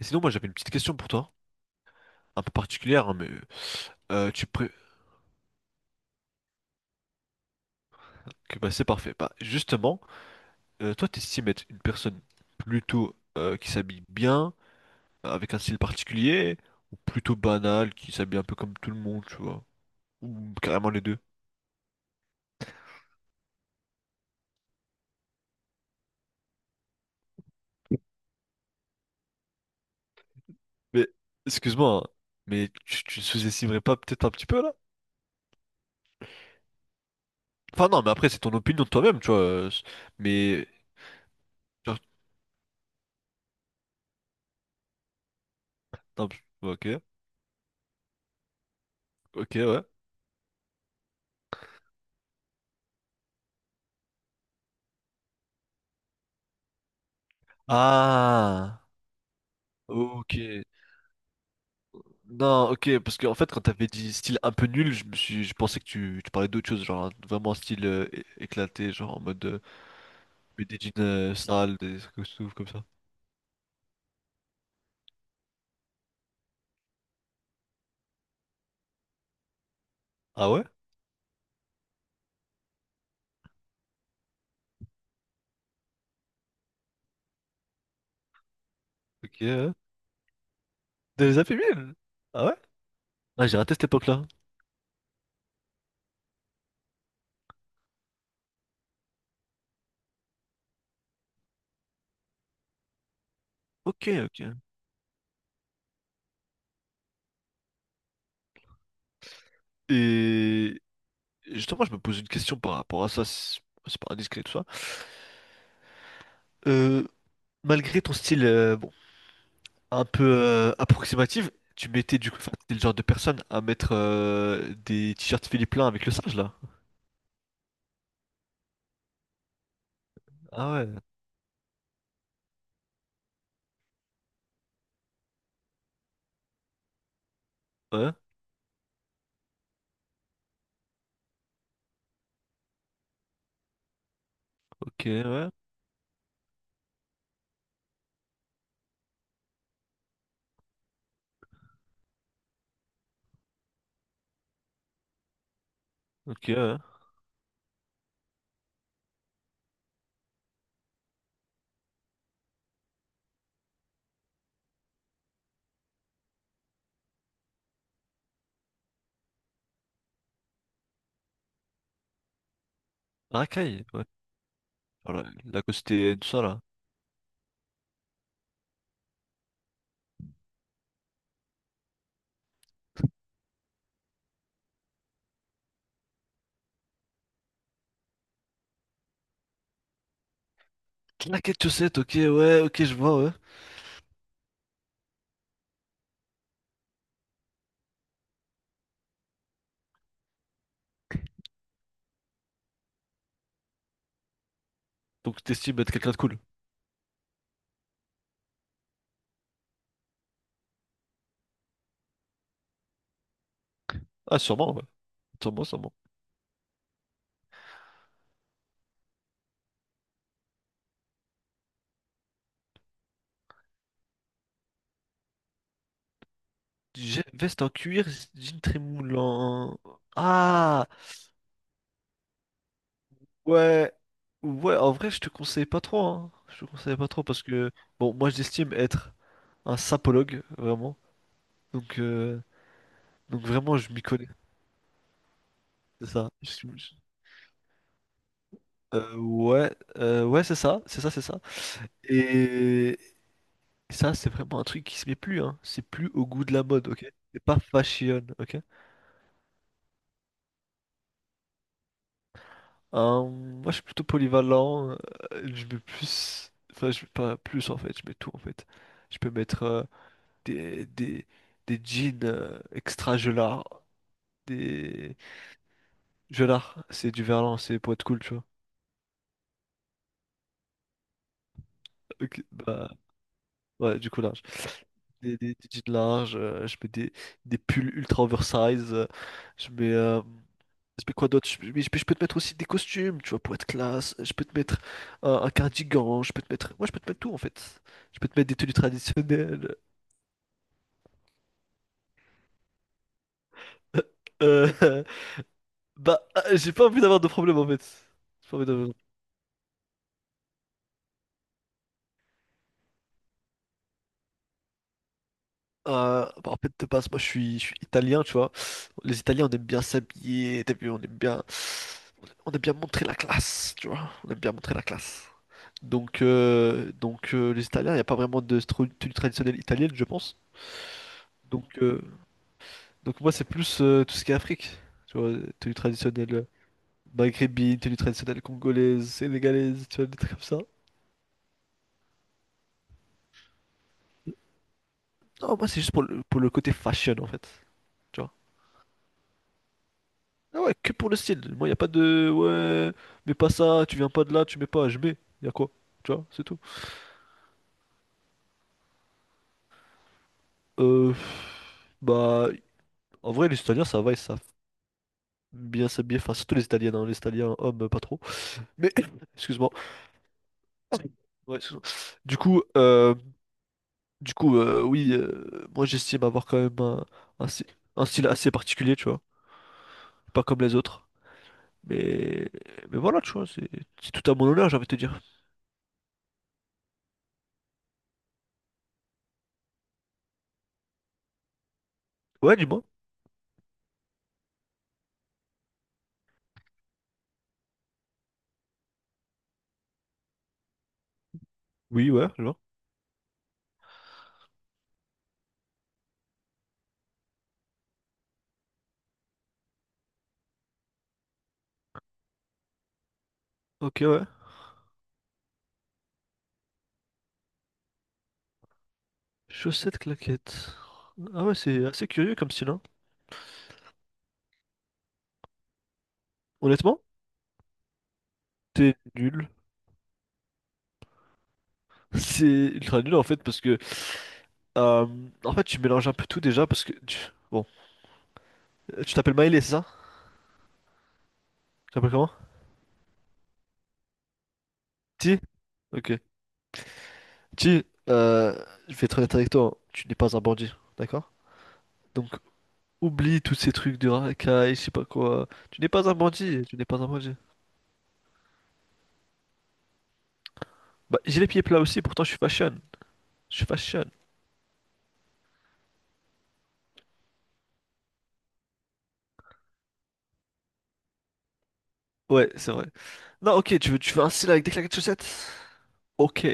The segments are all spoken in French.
Et sinon, moi, j'avais une petite question pour toi, un peu particulière, hein, mais tu pré... que, bah, c'est parfait. Bah, justement, toi, t'estimes être une personne plutôt qui s'habille bien, avec un style particulier, ou plutôt banale, qui s'habille un peu comme tout le monde, tu vois, ou carrément les deux. Mais, excuse-moi, hein, mais tu sous-estimerais pas peut-être un petit peu là? Enfin, non, mais après, c'est ton opinion de toi-même, tu vois. C'est- mais, genre, non, ok, ok, ouais. Ah, ok. Non, ok, parce que en fait, quand t'avais dit style un peu nul, je pensais que tu parlais d'autre chose, genre vraiment style éclaté, genre en mode mais des jeans sales, des trucs comme ça. Ah ouais? Ok. Dans les affaiblir? Ah ouais? Ah, j'ai raté cette époque-là. Ok, ok. Et justement, je me pose une question par rapport à ça, c'est pas indiscret tout ça. Euh, Malgré ton style bon, un peu approximatif, tu mettais du coup, enfin, t'es le genre de personne à mettre des t-shirts Philippe Plein avec le singe là. Ah ouais. Ouais, ok, ouais, ok, ouais. Racaille, ouais. Alors, la, la Costé, tout ça, là. La quête chaussette, ok, ouais, ok, je vois, ouais. Donc, t'estimes être quelqu'un de cool. Ah, sûrement, ouais. Sûrement, sûrement. J'ai- Veste en cuir, jean très moulant. Ah, ouais. Ouais, en vrai, je te conseille pas trop, hein. Je te conseille pas trop parce que, bon, moi, j'estime être un sapologue, vraiment. Donc, euh, donc vraiment, je m'y connais. C'est ça. Je suis- je- ouais, c'est ça, c'est ça, c'est ça. Et, Et ça, c'est vraiment un truc qui se met plus, hein. C'est plus au goût de la mode, ok? C'est pas fashion, ok? Moi, je suis plutôt polyvalent. Je mets plus... Enfin, je mets pas plus, en fait. Je mets tout, en fait. Je peux mettre des, des, des jeans extra gelards. Des... Gelards, c'est du verlan, c'est pour être cool, tu vois. Ok, bah, ouais, du coup, large. Des jeans larges, je mets des pulls ultra oversize. Je mets... euh, Mais quoi d'autre? Mais je peux te mettre aussi des costumes, tu vois, pour être classe. Je peux te mettre un cardigan. Je peux te mettre. Moi, je peux te mettre tout, en fait. Je peux te mettre des tenues traditionnelles. Euh, Bah, j'ai pas envie d'avoir de problème, en fait. J'ai pas envie d'avoir- bah, en fait, de base, moi, je suis italien, tu vois. Les Italiens, on aime bien s'habiller. T'as vu, on aime bien. On aime bien montrer la classe, tu vois. On aime bien montrer la classe. Les Italiens, il n'y a pas vraiment de tenue traditionnelle italienne, je pense. Donc, euh, Donc moi c'est plus tout ce qui est Afrique, tu vois, tenue traditionnelle maghrébine, tenue traditionnelle congolaise, sénégalaise, tu vois, des trucs comme ça. Non, moi c'est juste pour pour le côté fashion en fait, tu vois. Ah ouais, que pour le style. Moi y a pas de ouais, mets pas ça, tu viens pas de là, tu mets pas, je mets. Y a quoi? Tu vois, c'est tout. Euh, bah, En vrai les Italiens ça va, ils savent bien s'habiller, enfin surtout les Italiens, hein, les Italiens hommes pas trop. Mais excuse-moi. Ouais, excuse-moi. Du coup, euh, Du coup, oui, moi j'estime avoir quand même un un style assez particulier, tu vois. Pas comme les autres. Mais, mais voilà, tu vois, c'est tout à mon honneur, j'ai envie de te dire. Ouais, dis-moi. Oui, ouais, genre. Ok, ouais. Chaussettes claquettes. Ah ouais, c'est assez curieux comme style, hein. Honnêtement, c'est nul. C'est ultra nul en fait, parce que. euh, en fait, tu mélanges un peu tout déjà, parce que. Tu- Bon. Tu t'appelles Maïlé, c'est ça? Tu t'appelles comment? Ti? Ok. Ti, je vais être honnête avec toi, hein. Tu n'es pas un bandit, d'accord? Donc. Oublie tous ces trucs de racaille, je sais pas quoi. Tu n'es pas un bandit, tu n'es pas un bandit. Bah, j'ai les pieds plats aussi, pourtant je suis fashion. Je suis fashion. Ouais, c'est vrai. Non, ok, tu veux un style avec des claquettes de chaussettes? Ok.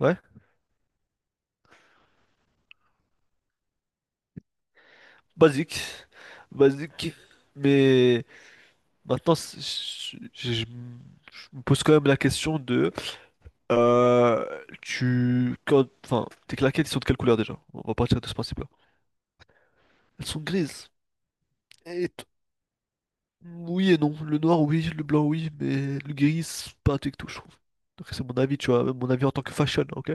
Ouais, basique. Basique. Mais maintenant, je me pose quand même la question de... tu... quand- enfin, tes claquettes, ils sont de quelle couleur déjà? On va partir de ce principe-là. Elles sont grises. Et oui et non. Le noir, oui. Le blanc, oui. Mais le gris, c'est pas un tout, je trouve. Donc c'est mon avis, tu vois. Mon avis en tant que fashion, ok?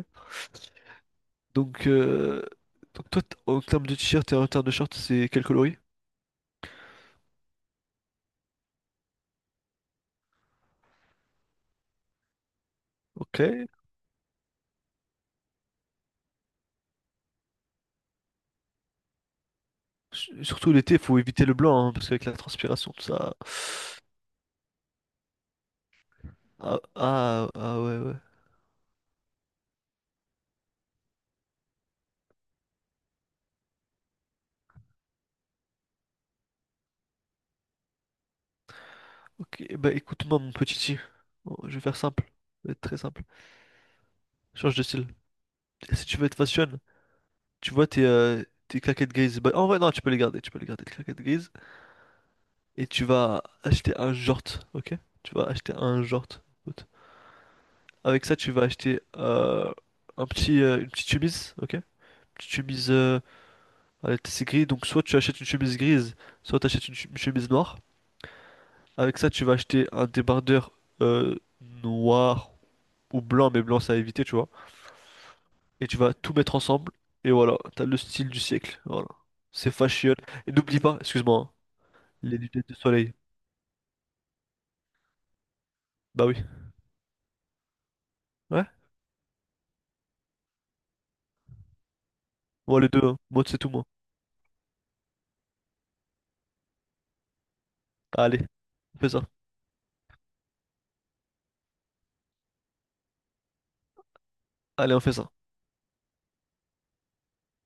Donc, euh, donc toi, t- en termes de t-shirt et en termes de short, c'est quel coloris? Ok. S- Surtout l'été, il faut éviter le blanc, hein, parce qu'avec la transpiration, tout ça... Ah, ah, ah, ouais, ouais. Ok, bah écoute-moi, mon petit T. Bon, je vais faire simple. Je vais être très simple. Change de style. Si tu veux être fashion, tu vois tes claquettes grises. Bah, en vrai, non, tu peux les garder. Tu peux les garder, tes claquettes grises. Et tu vas acheter un short, ok? Tu vas acheter un short, écoute. Avec ça, tu vas acheter un petit, une petite chemise, ok? Une petite chemise, allez, c'est gris, donc soit tu achètes une chemise grise, soit tu achètes une chemise noire. Avec ça, tu vas acheter un débardeur noir ou blanc, mais blanc, c'est à éviter, tu vois. Et tu vas tout mettre ensemble, et voilà, t'as le style du siècle, voilà. C'est fashion. Et n'oublie pas, excuse-moi, hein, les lunettes de soleil. Bah oui. Ouais? Moi, les deux, hein. Moi, c'est tout, moi. Allez, on fait ça. Allez, on fait ça.